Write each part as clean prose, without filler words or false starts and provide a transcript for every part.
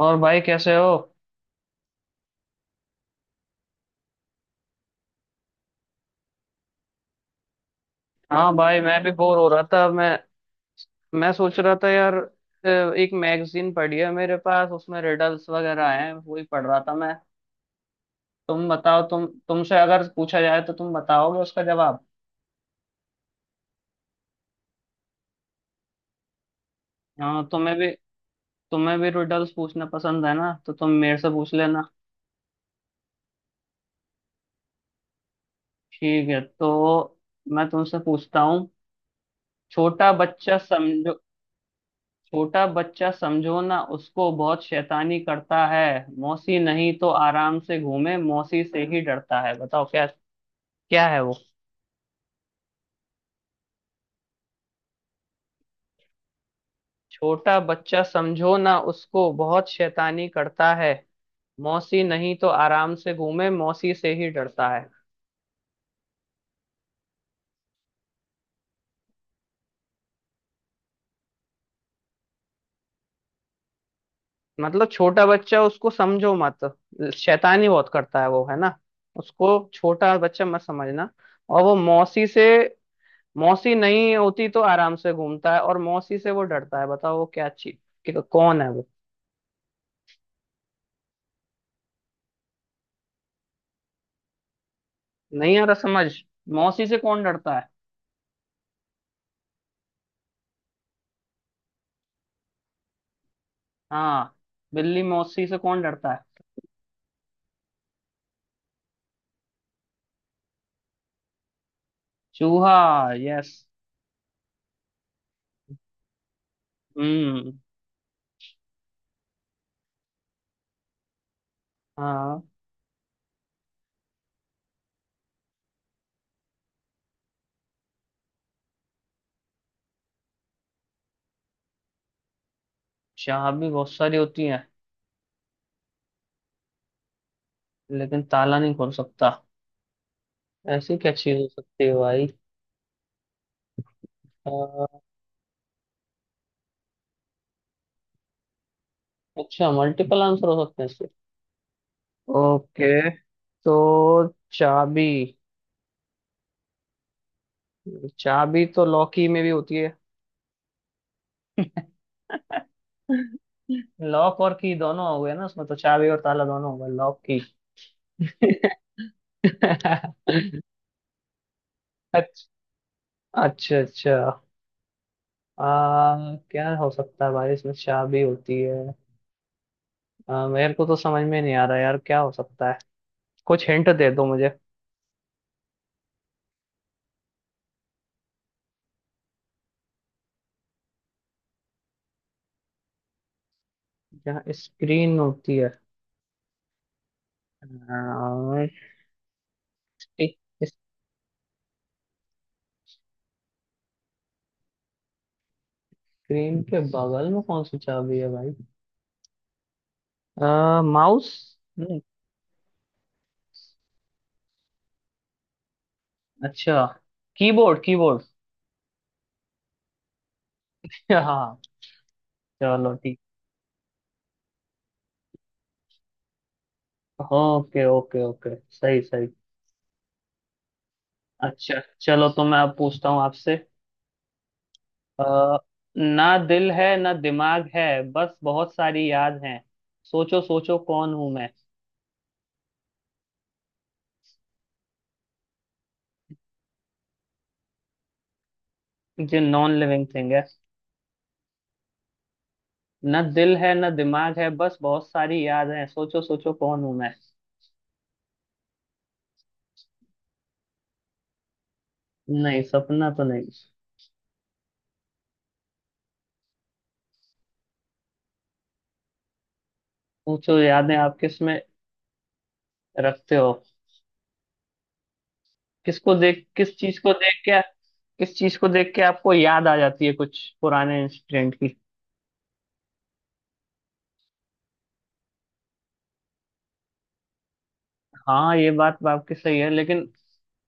और भाई कैसे हो। हाँ भाई, मैं भी बोर हो रहा था। मैं सोच रहा था यार, एक मैगजीन पढ़ी है मेरे पास, उसमें रिडल्स वगैरह हैं, वही पढ़ रहा था मैं। तुम बताओ, तुमसे अगर पूछा जाए तो तुम बताओगे उसका जवाब? हाँ, तुम्हें भी, तुम्हें भी रिडल्स पूछना पसंद है ना, तो तुम मेरे से पूछ लेना। ठीक है तो मैं तुमसे पूछता हूँ। छोटा बच्चा समझो। छोटा बच्चा समझो ना उसको, बहुत शैतानी करता है। मौसी नहीं तो आराम से घूमे, मौसी से ही डरता है, बताओ क्या, क्या है वो? छोटा बच्चा समझो ना उसको, बहुत शैतानी करता है। मौसी नहीं तो आराम से घूमे, मौसी से ही डरता है। मतलब छोटा बच्चा उसको समझो मत, शैतानी बहुत करता है वो, है ना। उसको छोटा बच्चा मत समझना। और वो मौसी से, मौसी नहीं होती तो आराम से घूमता है, और मौसी से वो डरता है, बताओ वो क्या चीज कि कौन है वो? नहीं आ रहा समझ? मौसी से कौन डरता है? हाँ, बिल्ली मौसी से कौन डरता है? चूहा। यस। हम्म। हाँ। चाबी भी बहुत सारी होती है लेकिन ताला नहीं खोल सकता, ऐसी क्या चीज हो सकती है भाई? अ, अच्छा, मल्टीपल आंसर हो सकते हैं इसके। ओके। तो चाबी, चाबी तो लॉकी में भी होती है। लॉक और की दोनों हो गए ना उसमें, तो चाबी और ताला दोनों हो गए, लॉक की। अच्छा, अच्छा अच्छा। क्या हो सकता है भाई, इसमें चाबी होती है। मेरे को तो समझ में नहीं आ रहा यार, क्या हो सकता है? कुछ हिंट दे दो मुझे। यहाँ स्क्रीन होती है? आ, इस- स्क्रीन के बगल में कौन सी चाबी है भाई? माउस? नहीं? अच्छा, कीबोर्ड, कीबोर्ड। हाँ चलो। ओके ओके ओके, सही सही। अच्छा चलो, तो मैं अब पूछता हूँ आपसे। अ, ना दिल है, ना दिमाग है, बस बहुत सारी याद हैं, सोचो सोचो कौन हूं मैं। जो नॉन लिविंग थिंग है। ना दिल है ना दिमाग है, बस बहुत सारी याद हैं, सोचो सोचो कौन हूं मैं। नहीं, सपना तो नहीं। सोचो, यादें आप किस में रखते हो? किसको देख, किस चीज को देख के, किस चीज को देख के आपको याद आ जाती है कुछ पुराने इंसिडेंट की? हाँ, ये बात तो आपकी सही है, लेकिन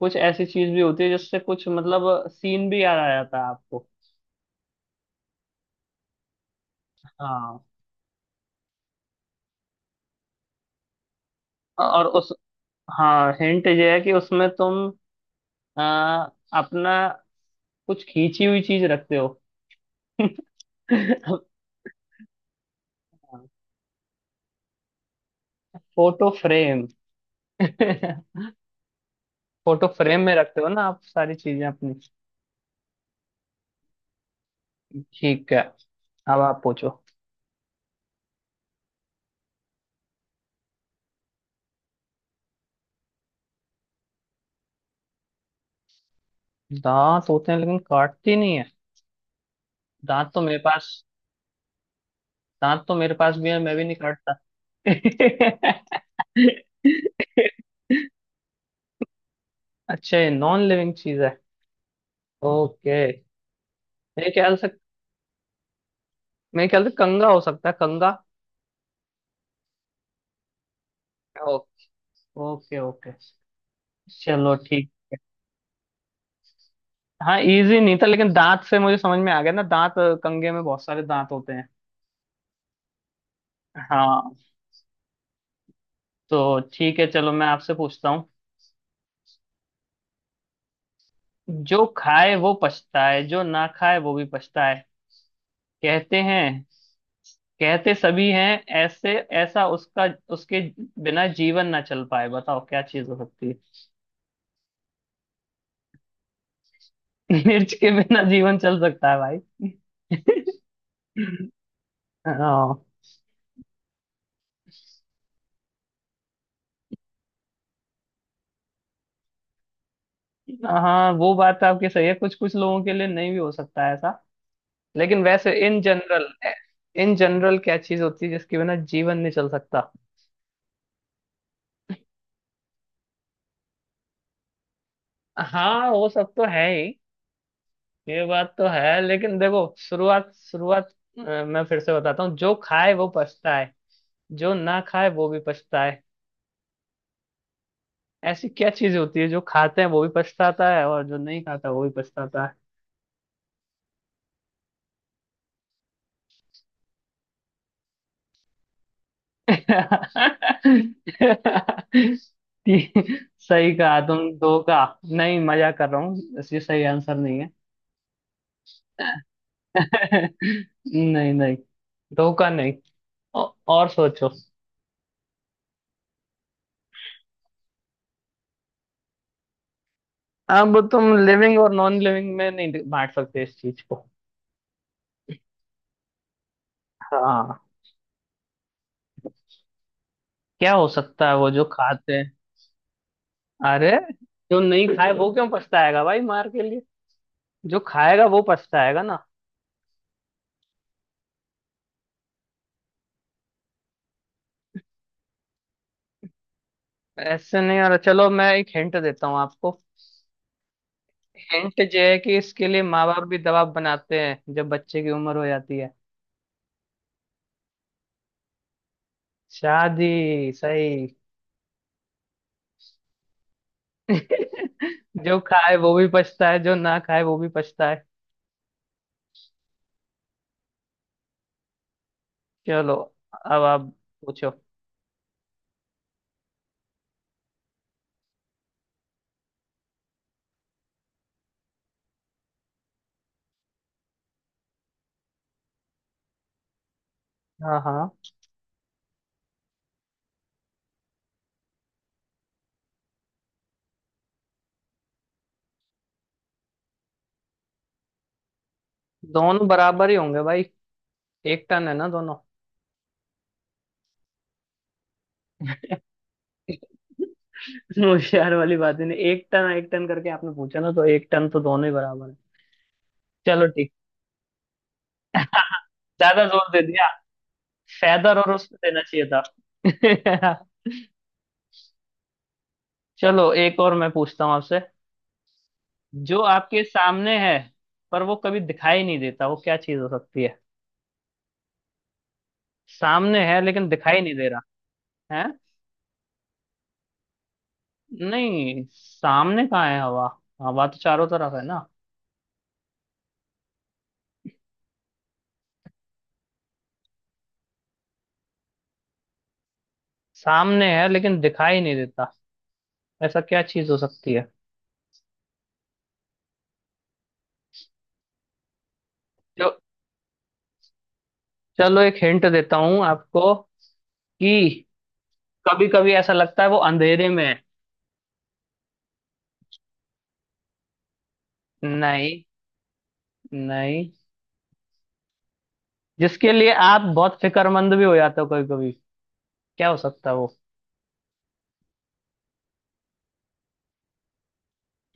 कुछ ऐसी चीज भी होती है जिससे कुछ मतलब सीन भी याद आ जाता है आपको। हाँ, और उस, हाँ हिंट ये है कि उसमें तुम आ, अपना कुछ खींची हुई चीज रखते हो। Photo frame. फोटो फ्रेम में रखते हो ना आप सारी चीजें अपनी। ठीक है, अब आप पूछो। दांत होते हैं लेकिन काटती नहीं है? दांत तो मेरे पास, दांत तो मेरे पास भी है, मैं भी नहीं काटता। अच्छा, ये नॉन लिविंग चीज है। ओके। मेरे ख्याल से, मेरे ख्याल से कंगा हो सकता है, कंगा। Okay okay okay. चलो ठीक। हाँ इजी नहीं था, लेकिन दांत से मुझे समझ में आ गया ना, दांत, कंगे में बहुत सारे दांत होते हैं। हाँ। तो ठीक है चलो, मैं आपसे पूछता हूँ। जो खाए वो पछताए, जो ना खाए वो भी पछताए, कहते हैं, कहते सभी हैं ऐसे। ऐसा उसका, उसके बिना जीवन ना चल पाए, बताओ क्या चीज हो सकती है? मिर्च के बिना जीवन चल सकता है भाई? हाँ। हाँ वो बात तो आपकी सही है, कुछ कुछ लोगों के लिए नहीं भी हो सकता है ऐसा। लेकिन वैसे इन जनरल, इन जनरल क्या चीज होती है जिसके बिना जीवन नहीं चल सकता? हाँ, वो सब तो है ही। ये बात तो है, लेकिन देखो शुरुआत शुरुआत, मैं फिर से बताता हूँ। जो खाए वो पछता है, जो ना खाए वो भी पछता है। ऐसी क्या चीज होती है जो खाते हैं वो भी पछताता है, और जो नहीं खाता वो भी पछताता? ती- सही कहा, तुम दो का। नहीं, मजा कर रहा हूँ, इसलिए सही आंसर नहीं है। नहीं नहीं, दो का नहीं। और सोचो। अब तुम लिविंग और नॉन लिविंग में नहीं बांट सकते इस चीज को। हाँ। क्या हो सकता है वो जो खाते हैं? अरे, जो नहीं खाए वो क्यों पछताएगा भाई मार के लिए? जो खाएगा वो पछताएगा ना। ऐसे नहीं, अरे चलो मैं एक हिंट देता हूँ आपको। हिंट जो है कि इसके लिए माँ बाप भी दबाव बनाते हैं जब बच्चे की उम्र हो जाती है। शादी, सही। जो खाए वो भी पछता है, जो ना खाए वो भी पछता है। चलो, अब आप पूछो। हाँ हाँ। दोनों बराबर ही होंगे भाई, एक टन है ना दोनों। होशियार वाली बात ही नहीं, एक टन एक टन करके आपने पूछा ना, तो एक टन तो दोनों ही बराबर है। चलो ठीक, ज्यादा जोर दे दिया, फेदर और उस पे देना चाहिए था। चलो एक और मैं पूछता हूँ आपसे। जो आपके सामने है पर वो कभी दिखाई नहीं देता, वो क्या चीज हो सकती है? सामने है लेकिन दिखाई नहीं दे रहा है। नहीं, सामने कहाँ है हवा? हवा तो चारों तरफ है ना। सामने है लेकिन दिखाई नहीं देता, ऐसा क्या चीज हो सकती है? जो, चलो एक हिंट देता हूँ आपको, कि कभी कभी ऐसा लगता है वो अंधेरे में है। नहीं, नहीं। जिसके लिए आप बहुत फिक्रमंद भी हो जाते हो कभी कभी, क्या हो सकता है वो?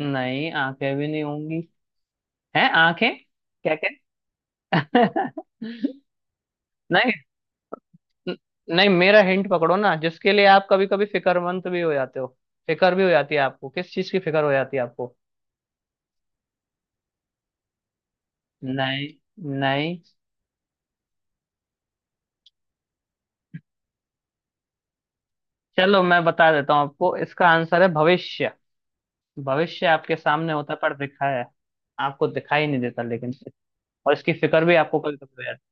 नहीं, आंखें भी नहीं होंगी। हैं आंखें? क्या। नहीं न- नहीं मेरा हिंट पकड़ो ना, जिसके लिए आप कभी कभी फिक्रमंद भी हो जाते हो, फिकर भी हो जाती है आपको, किस चीज की फिक्र हो जाती है आपको? नहीं, नहीं। चलो मैं बता देता हूँ आपको, इसका आंसर है भविष्य। भविष्य आपके सामने होता है पर दिखाया है, आपको दिखाई नहीं देता, लेकिन और इसकी फिक्र भी आपको कभी कभी हो जाती,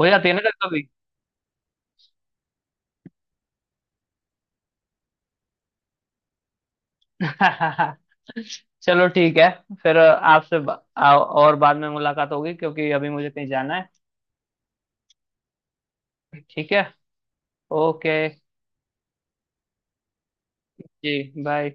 हो जाती है ना कभी कभी। चलो ठीक है, फिर आपसे और बाद में मुलाकात होगी, क्योंकि अभी मुझे कहीं जाना है। ठीक है। ओके। जी बाय।